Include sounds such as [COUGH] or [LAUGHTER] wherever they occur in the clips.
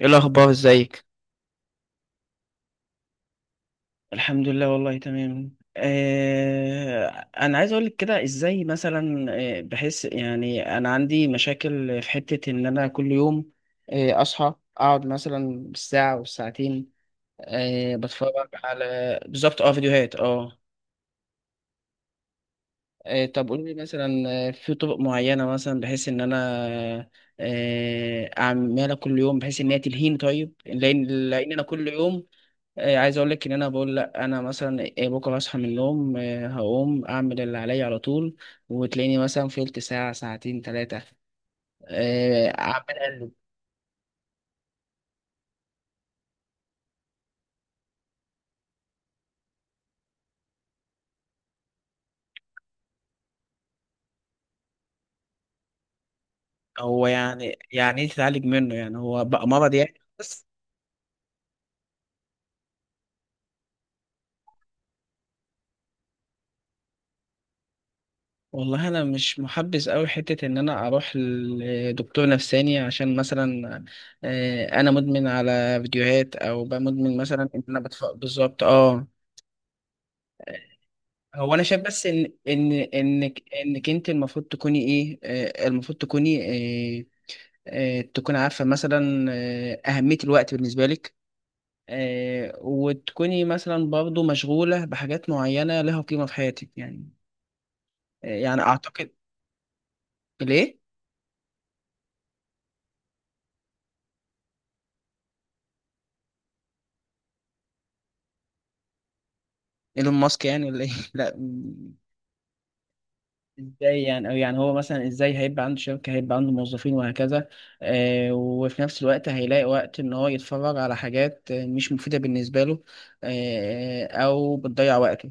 ايه الاخبار؟ ازيك؟ الحمد لله، والله تمام. انا عايز اقول لك كده ازاي مثلا. بحس يعني انا عندي مشاكل في حتة ان انا كل يوم، اصحى اقعد مثلا بالساعة والساعتين، بتفرج على بالظبط فيديوهات اه طب قولي لي مثلا، في طرق معينة مثلا بحيث ان انا اعملها كل يوم بحيث ان هي تلهيني، طيب لان انا كل يوم، عايز اقول لك ان انا بقول لا انا مثلا، بكره هصحى من النوم، هقوم اعمل اللي عليا على طول، وتلاقيني مثلا فلت ساعه ساعتين ثلاثه اعمل قلب. هو يعني يعني ايه تتعالج منه؟ يعني هو بقى مرض يعني؟ بس والله انا مش محبذ قوي حته ان انا اروح لدكتور نفساني عشان مثلا، انا مدمن على فيديوهات او بقى مدمن مثلا ان انا بتفرج بالظبط اه هو انا شايف بس ان انك انت المفروض تكوني ايه، المفروض تكوني آه، تكون عارفه مثلا اهميه الوقت بالنسبه لك، وتكوني مثلا برضو مشغوله بحاجات معينه لها قيمه في حياتك يعني. يعني اعتقد. ليه؟ ايلون ماسك يعني ولا ايه؟ [LAUGHS] لا. ازاي يعني؟ او يعني هو مثلا ازاي هيبقى عنده شركة، هيبقى عنده موظفين وهكذا. وفي نفس الوقت هيلاقي وقت ان هو يتفرج على حاجات مش مفيدة بالنسبة له، او بتضيع وقته.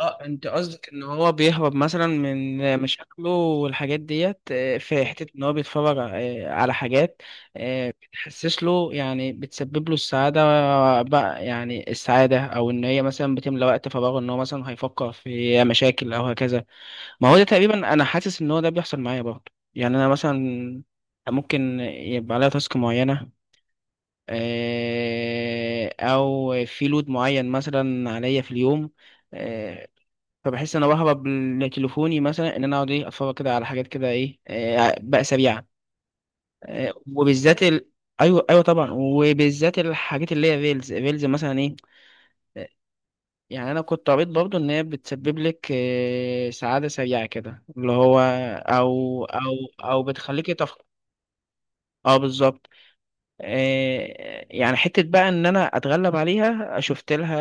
اه انت قصدك ان هو بيهرب مثلا من مشاكله والحاجات ديت، في حتة ان هو بيتفرج على حاجات بتحسس له، يعني بتسبب له السعادة. بقى يعني السعادة، او ان هي مثلا بتملى وقت فراغه ان هو مثلا هيفكر في مشاكل او هكذا. ما هو ده تقريبا انا حاسس ان هو ده بيحصل معايا برضه. يعني انا مثلا ممكن يبقى عليا تاسك معينه، او في لود معين مثلا عليا في اليوم. آه، فبحس ان انا بهرب لتليفوني مثلا ان انا اقعد ايه اتفرج كده على حاجات كده ايه، بقى سريعه، وبالذات ال... ايوه ايوه طبعا، وبالذات الحاجات اللي هي ريلز ريلز مثلا ايه. يعني انا كنت قريت برضه ان هي بتسبب لك سعاده سريعه كده، اللي هو او بتخليكي تفكر. اه بالظبط. يعني حته بقى ان انا اتغلب عليها شفت لها،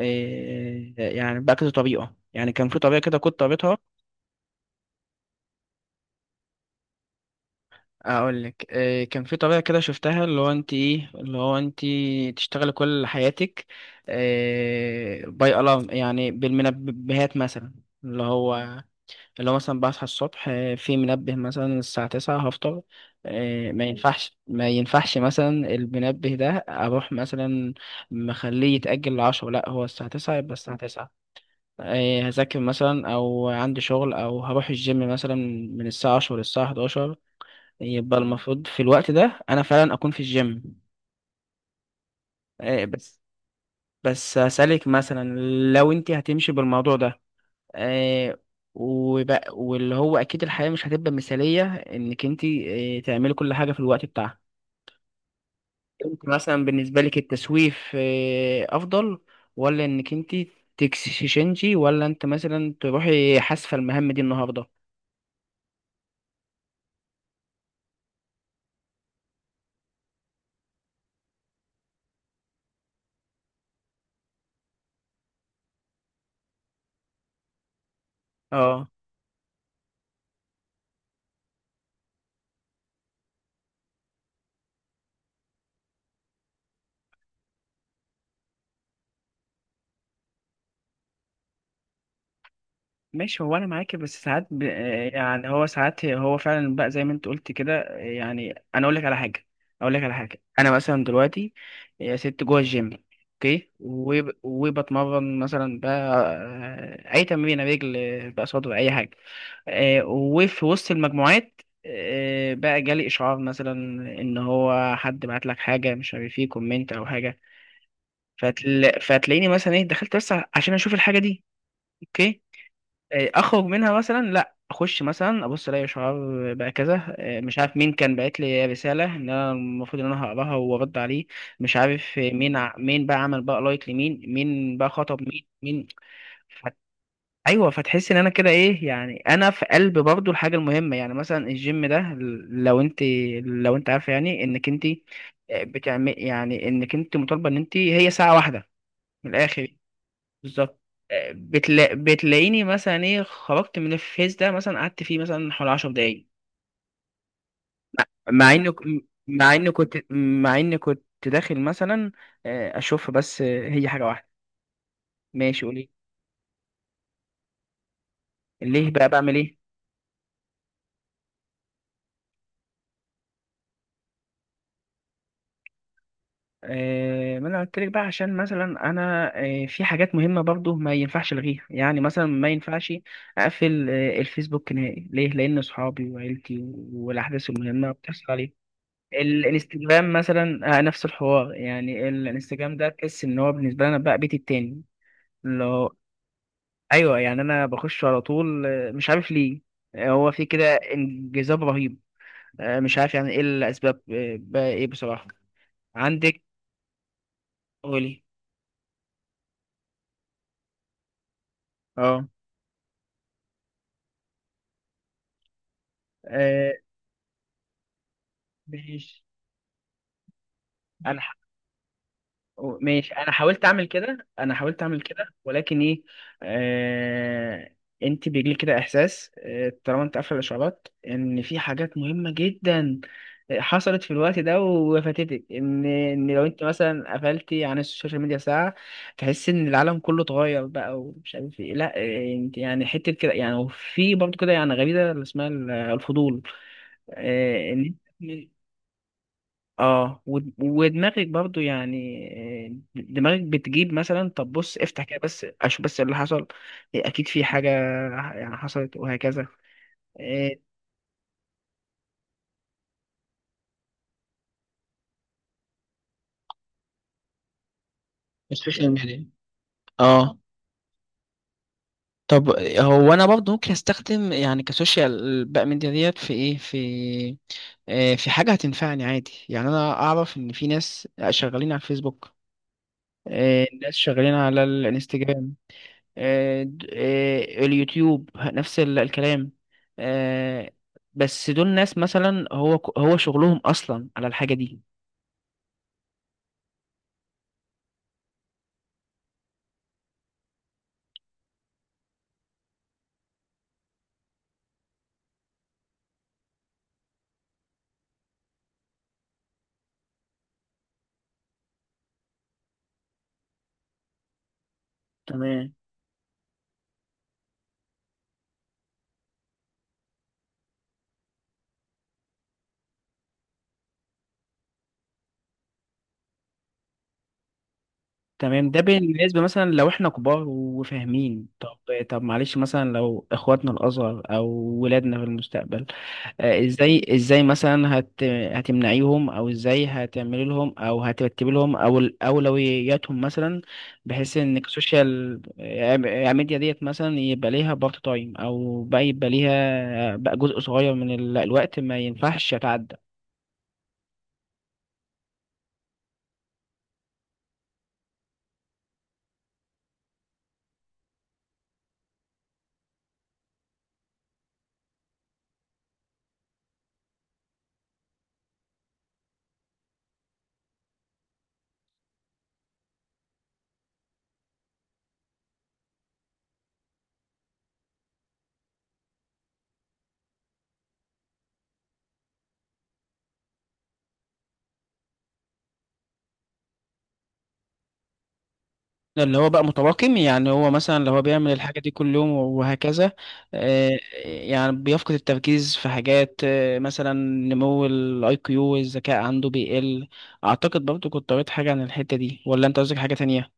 يعني بقى كذا طريقه، يعني كان في طريقه كده كنت قريتها. اقول لك، كان في طريقه كده شفتها، اللي هو انت ايه اللي هو انت تشتغلي كل حياتك باي الارم، يعني بالمنبهات مثلا، اللي هو اللي هو مثلا بصحى الصبح، في منبه مثلا الساعة 9 هفطر، ما ينفعش مثلا المنبه ده أروح مثلا مخليه يتأجل لعشرة، لأ، هو الساعة تسعة يبقى الساعة تسعة. هذاكر مثلا أو عندي شغل أو هروح الجيم مثلا من الساعة 10 للساعة 11، يبقى المفروض في الوقت ده أنا فعلا أكون في الجيم. بس بس أسألك مثلا، لو أنت هتمشي بالموضوع ده، آه وبقى، واللي هو اكيد الحياه مش هتبقى مثاليه انك انت تعملي كل حاجه في الوقت بتاعها. انت مثلا بالنسبه لك التسويف افضل، ولا انك انت تكسشنجي، ولا انت مثلا تروحي حاسفه المهام دي النهارده؟ اه. ماشي، هو انا معاكي، بس ساعات يعني هو ساعات هو فعلا بقى زي ما انت قلت كده، يعني انا اقول لك على حاجه. اقول لك على حاجه انا مثلا دلوقتي يا ست جوه الجيم اوكي، وبتمرن مثلا بقى، اي تمرين رجل بقى صدر، اي حاجه، وفي وسط المجموعات، بقى جالي اشعار مثلا، ان هو حد بعت لك حاجه مش عارف ايه كومنت او حاجه، فتلاقيني مثلا ايه دخلت بس عشان اشوف الحاجه دي. اوكي. اخرج منها مثلا، لا اخش مثلا ابص الاقي شعار بقى كذا، مش عارف مين كان بعت لي رساله ان انا المفروض ان انا هقراها وارد عليه، مش عارف مين بقى عمل بقى لايك لمين، مين بقى خطب مين مين. فت... ايوه فتحس ان انا كده ايه، يعني انا في قلب برضو الحاجه المهمه، يعني مثلا الجيم ده، لو انت لو انت عارفه يعني انك انت بتعمل يعني انك انت مطالبه ان انت هي ساعه واحده من الاخر. بالظبط. بتلاقيني مثلا ايه خرجت من الفيس ده مثلا قعدت فيه مثلا حوالي 10 دقايق مع انه مع اني كنت داخل مثلا، اشوف بس، هي حاجه واحده. ماشي، قولي. ليه بقى بعمل ايه؟ ما انا قلت لك بقى عشان مثلا، انا في حاجات مهمه برضو ما ينفعش الغيها، يعني مثلا ما ينفعش اقفل الفيسبوك نهائي، ليه؟ لان اصحابي وعيلتي والاحداث المهمه بتحصل عليه. الانستجرام مثلا، نفس الحوار، يعني الانستجرام ده تحس ان هو بالنسبه لنا بقى بيتي التاني اللي هو، ايوه يعني انا بخش على طول، مش عارف ليه. هو في كده انجذاب رهيب. مش عارف يعني ايه الاسباب، بقى ايه بصراحه عندك؟ قولي. اه، آه، ماشي انا ماشي انا حاولت اعمل كده ولكن ايه. آه... انت بيجيلك كده احساس، طالما انت قافله الاشعارات ان في حاجات مهمه جدا حصلت في الوقت ده وفاتتك ان لو انت مثلا قفلتي عن السوشيال ميديا ساعه، تحس ان العالم كله اتغير بقى ومش عارف ايه، لا، انت يعني حته كده، يعني وفي برضه كده يعني غريزه اللي اسمها الفضول. آه، ان اه ودماغك برضو يعني، دماغك بتجيب مثلا طب بص افتح كده بس اشوف بس اللي حصل. اكيد في حاجة يعني حصلت وهكذا. إيه، السوشيال ميديا. اه طب هو انا برضه ممكن استخدم يعني كسوشيال بقى ميديا ديت في ايه في، في حاجه هتنفعني عادي، يعني انا اعرف ان في ناس شغالين على الفيسبوك، ناس شغالين على الانستجرام، آه، د- آه، اليوتيوب نفس الكلام، آه، بس دول ناس مثلا هو شغلهم اصلا على الحاجه دي. تمام. تمام ده بالنسبه مثلا لو احنا كبار وفاهمين. طب، طب معلش مثلا لو اخواتنا الاصغر او ولادنا في المستقبل، ازاي مثلا هتمنعيهم او ازاي هتعملي لهم او هترتبي لهم او اولوياتهم مثلا بحيث ان السوشيال ميديا ديت مثلا يبقى ليها بارت تايم او بقى يبقى ليها بقى جزء صغير من الوقت ما ينفعش يتعدى. ده اللي هو بقى متراكم، يعني هو مثلا لو هو بيعمل الحاجة دي كل يوم وهكذا. آه، يعني بيفقد التركيز في حاجات مثلا نمو الاي كيو، الذكاء عنده بيقل. اعتقد برضو كنت قريت حاجة عن الحتة دي، ولا انت قصدك حاجة تانية؟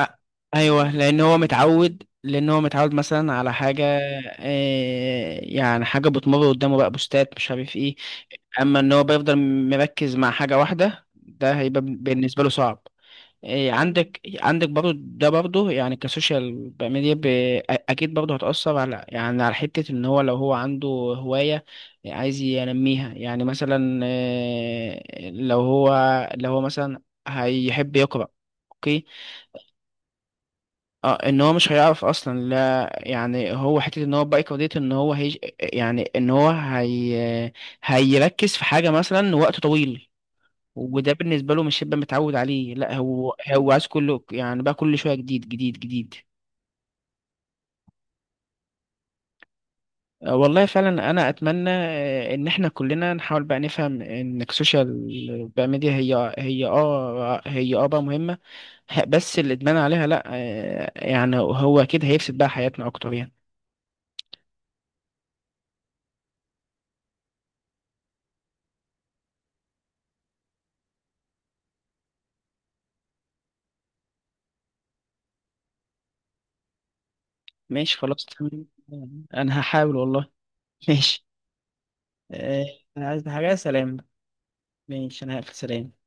آه، ايوه لان هو متعود مثلا على حاجة، يعني حاجة بتمر قدامه بقى، بوستات مش عارف ايه، اما ان هو بيفضل مركز مع حاجة واحدة ده هيبقى بالنسبة له صعب. عندك برضو ده برضو، يعني كسوشيال ميديا اكيد برضو هتأثر على، يعني على حتة ان هو لو هو عنده هواية عايز ينميها، يعني مثلا لو هو مثلا هيحب يقرأ. اوكي. اه ان هو مش هيعرف اصلا، لا يعني هو حته ان هو بقى ديت ان هو هي يعني ان هو هي هيركز في حاجه مثلا وقت طويل، وده بالنسبة له مش هيبقى متعود عليه، لا هو هو عايز كله، يعني بقى كل شوية جديد جديد جديد. والله فعلا انا اتمنى ان احنا كلنا نحاول بقى نفهم ان السوشيال بقى ميديا هي هي هي بقى مهمة. بس الادمان عليها لا، يعني هو اكيد هيفسد بقى حياتنا اكتر يعني. ماشي، خلاص، تمام. انا هحاول والله. ماشي. آه، انا عايز حاجة. سلام. ماشي، انا هقفل. سلام.